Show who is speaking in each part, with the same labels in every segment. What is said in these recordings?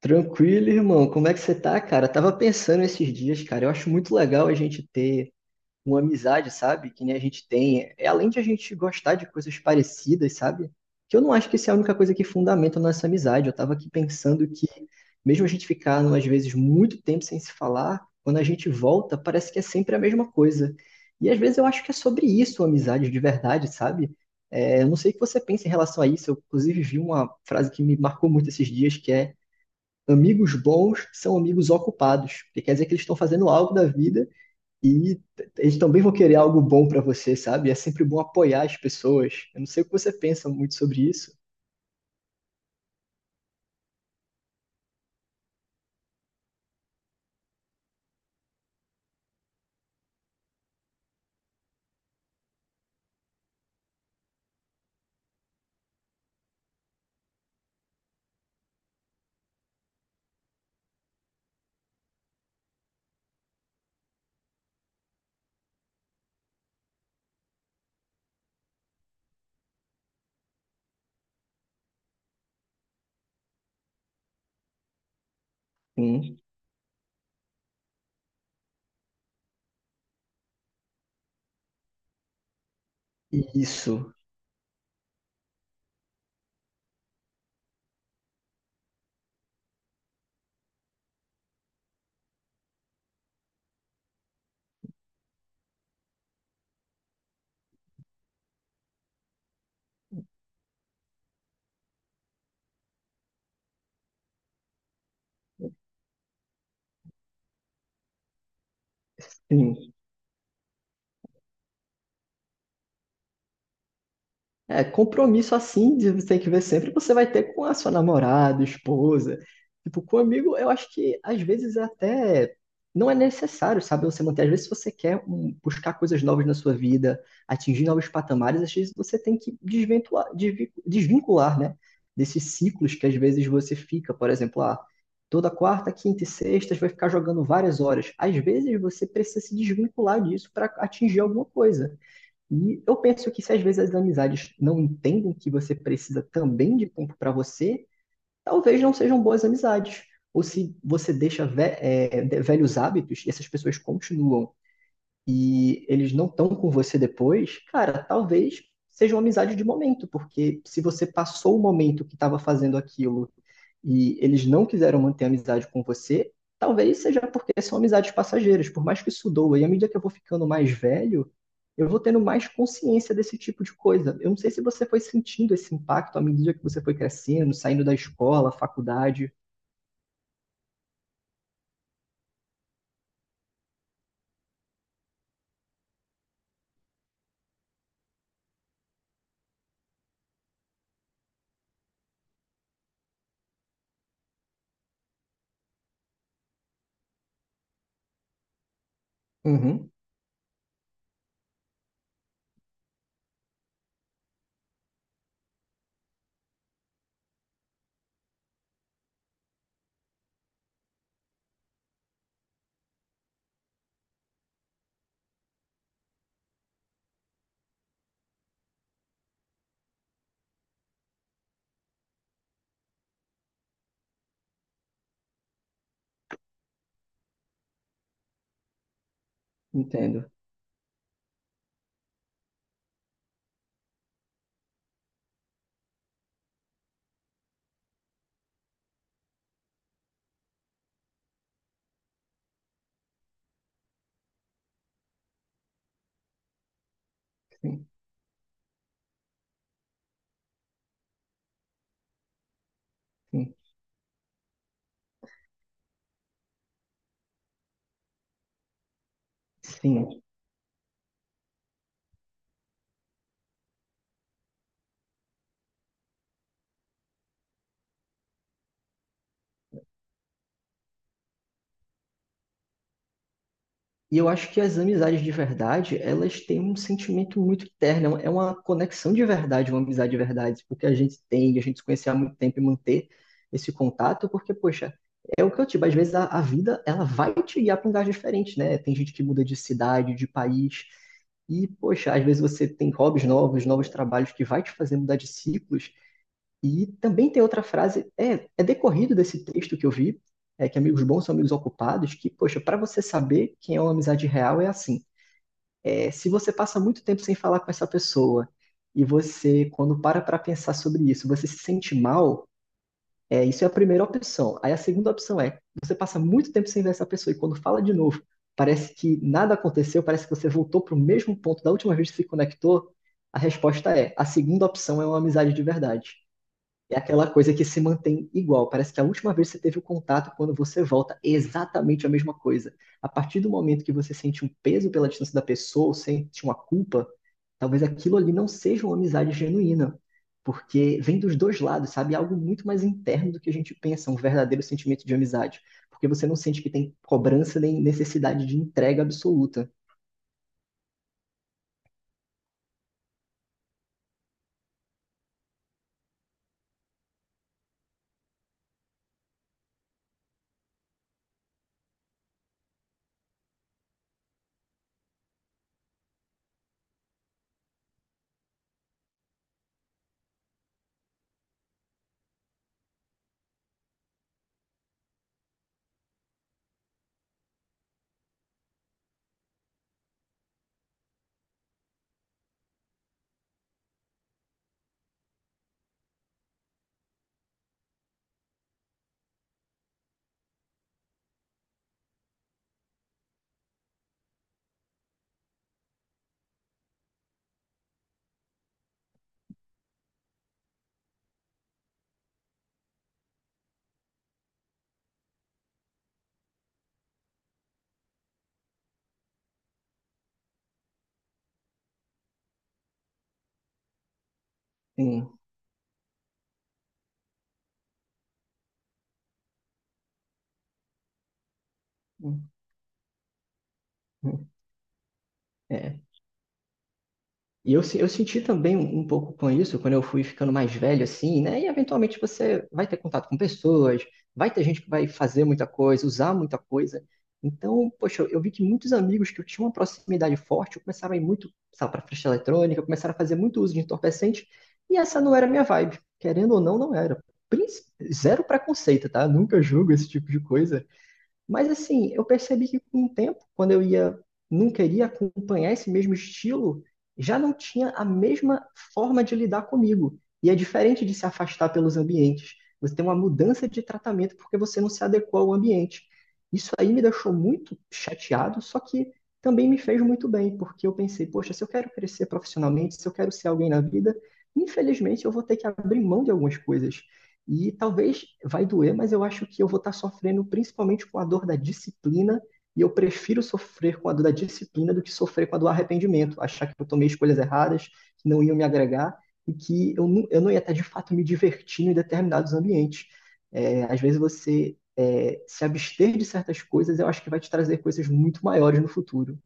Speaker 1: Tranquilo, irmão. Como é que você tá, cara? Tava pensando esses dias, cara. Eu acho muito legal a gente ter uma amizade, sabe? Que nem a gente tem. É além de a gente gostar de coisas parecidas, sabe? Que eu não acho que isso é a única coisa que fundamenta a nossa amizade. Eu tava aqui pensando que, mesmo a gente ficar, às vezes, muito tempo sem se falar, quando a gente volta, parece que é sempre a mesma coisa. E às vezes eu acho que é sobre isso a amizade de verdade, sabe? Eu não sei o que você pensa em relação a isso. Eu, inclusive, vi uma frase que me marcou muito esses dias, que é amigos bons são amigos ocupados, porque quer dizer que eles estão fazendo algo da vida e eles também vão querer algo bom para você, sabe? É sempre bom apoiar as pessoas. Eu não sei o que você pensa muito sobre isso. Sim. Isso. Sim. É, compromisso assim, de- você tem que ver sempre, você vai ter com a sua namorada, esposa. Tipo, com amigo, eu acho que às vezes é até não é necessário, sabe? Você manter. Às vezes, se você quer um, buscar coisas novas na sua vida, atingir novos patamares, às vezes você tem que desventuar, desvincular, né? Desses ciclos que às vezes você fica, por exemplo, ah, toda quarta, quinta e sexta você vai ficar jogando várias horas. Às vezes você precisa se desvincular disso para atingir alguma coisa. E eu penso que se às vezes as amizades não entendem que você precisa também de tempo para você, talvez não sejam boas amizades. Ou se você deixa velhos hábitos e essas pessoas continuam e eles não estão com você depois, cara, talvez seja uma amizade de momento, porque se você passou o momento que estava fazendo aquilo e eles não quiseram manter a amizade com você, talvez seja porque são amizades passageiras, por mais que isso doa. E à medida que eu vou ficando mais velho, eu vou tendo mais consciência desse tipo de coisa. Eu não sei se você foi sentindo esse impacto à medida que você foi crescendo, saindo da escola, faculdade. Uhum, entendo. Sim, sim. Sim. E eu acho que as amizades de verdade, elas têm um sentimento muito terno, é uma conexão de verdade, uma amizade de verdade, porque a gente tem, a gente se conhece há muito tempo e manter esse contato, porque, poxa, é o que eu digo, às vezes a vida, ela vai te guiar para um lugar diferente, né? Tem gente que muda de cidade, de país, e, poxa, às vezes você tem hobbies novos, novos trabalhos que vai te fazer mudar de ciclos, e também tem outra frase, é decorrido desse texto que eu vi, é que amigos bons são amigos ocupados, que, poxa, para você saber quem é uma amizade real é assim. Se você passa muito tempo sem falar com essa pessoa e você, quando para pensar sobre isso, você se sente mal, isso é a primeira opção. Aí a segunda opção é, você passa muito tempo sem ver essa pessoa e quando fala de novo, parece que nada aconteceu, parece que você voltou para o mesmo ponto da última vez que se conectou, a resposta é, a segunda opção é uma amizade de verdade. É aquela coisa que se mantém igual. Parece que a última vez que você teve o contato, quando você volta, é exatamente a mesma coisa. A partir do momento que você sente um peso pela distância da pessoa, ou sente uma culpa, talvez aquilo ali não seja uma amizade genuína. Porque vem dos dois lados, sabe? É algo muito mais interno do que a gente pensa, um verdadeiro sentimento de amizade. Porque você não sente que tem cobrança nem necessidade de entrega absoluta. Sim. É. E eu, eu senti também um pouco com isso, quando eu fui ficando mais velho, assim, né? E eventualmente você vai ter contato com pessoas, vai ter gente que vai fazer muita coisa, usar muita coisa. Então, poxa, eu vi que muitos amigos que eu tinha uma proximidade forte começaram a ir muito, sabe, para festa eletrônica, começaram a fazer muito uso de entorpecente, e essa não era a minha vibe. Querendo ou não, não era. Princ- Zero preconceito, tá? Nunca julgo esse tipo de coisa. Mas assim, eu percebi que com o tempo, quando eu ia, não queria acompanhar esse mesmo estilo, já não tinha a mesma forma de lidar comigo. E é diferente de se afastar pelos ambientes. Você tem uma mudança de tratamento porque você não se adequou ao ambiente. Isso aí me deixou muito chateado, só que também me fez muito bem, porque eu pensei, poxa, se eu quero crescer profissionalmente, se eu quero ser alguém na vida, infelizmente eu vou ter que abrir mão de algumas coisas. E talvez vai doer, mas eu acho que eu vou estar sofrendo principalmente com a dor da disciplina, e eu prefiro sofrer com a dor da disciplina do que sofrer com a do arrependimento, achar que eu tomei escolhas erradas, que não iam me agregar, e que eu não ia estar de fato me divertindo em determinados ambientes. Às vezes se abster de certas coisas, eu acho que vai te trazer coisas muito maiores no futuro.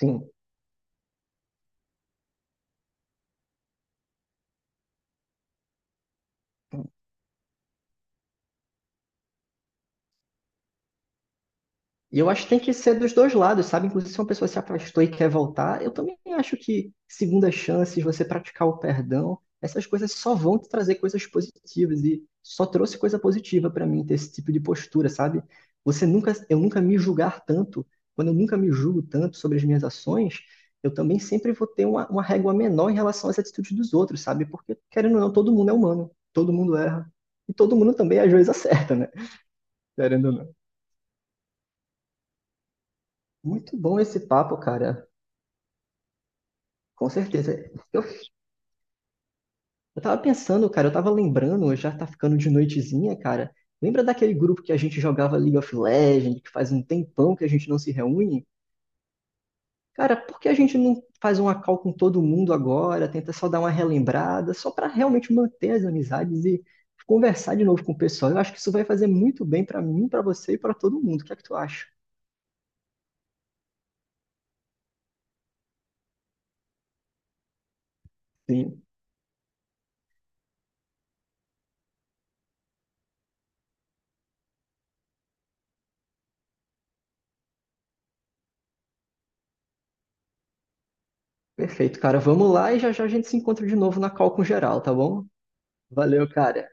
Speaker 1: Sim. E eu acho que tem que ser dos dois lados, sabe? Inclusive, se uma pessoa se afastou e quer voltar, eu também acho que segunda chances, você praticar o perdão, essas coisas só vão te trazer coisas positivas e só trouxe coisa positiva pra mim ter esse tipo de postura, sabe? Você nunca, eu nunca me julgar tanto, quando eu nunca me julgo tanto sobre as minhas ações, eu também sempre vou ter uma régua menor em relação às atitudes dos outros, sabe? Porque, querendo ou não, todo mundo é humano, todo mundo erra. E todo mundo também às vezes acerta, né? Querendo ou não. Muito bom esse papo, cara. Com certeza. Eu tava pensando, cara, eu tava lembrando, já tá ficando de noitezinha, cara. Lembra daquele grupo que a gente jogava League of Legends, que faz um tempão que a gente não se reúne? Cara, por que a gente não faz uma call com todo mundo agora? Tenta só dar uma relembrada, só pra realmente manter as amizades e conversar de novo com o pessoal. Eu acho que isso vai fazer muito bem pra mim, pra você e pra todo mundo. O que é que tu acha? Sim. Perfeito, cara. Vamos lá e já já a gente se encontra de novo na call com geral, tá bom? Valeu, cara.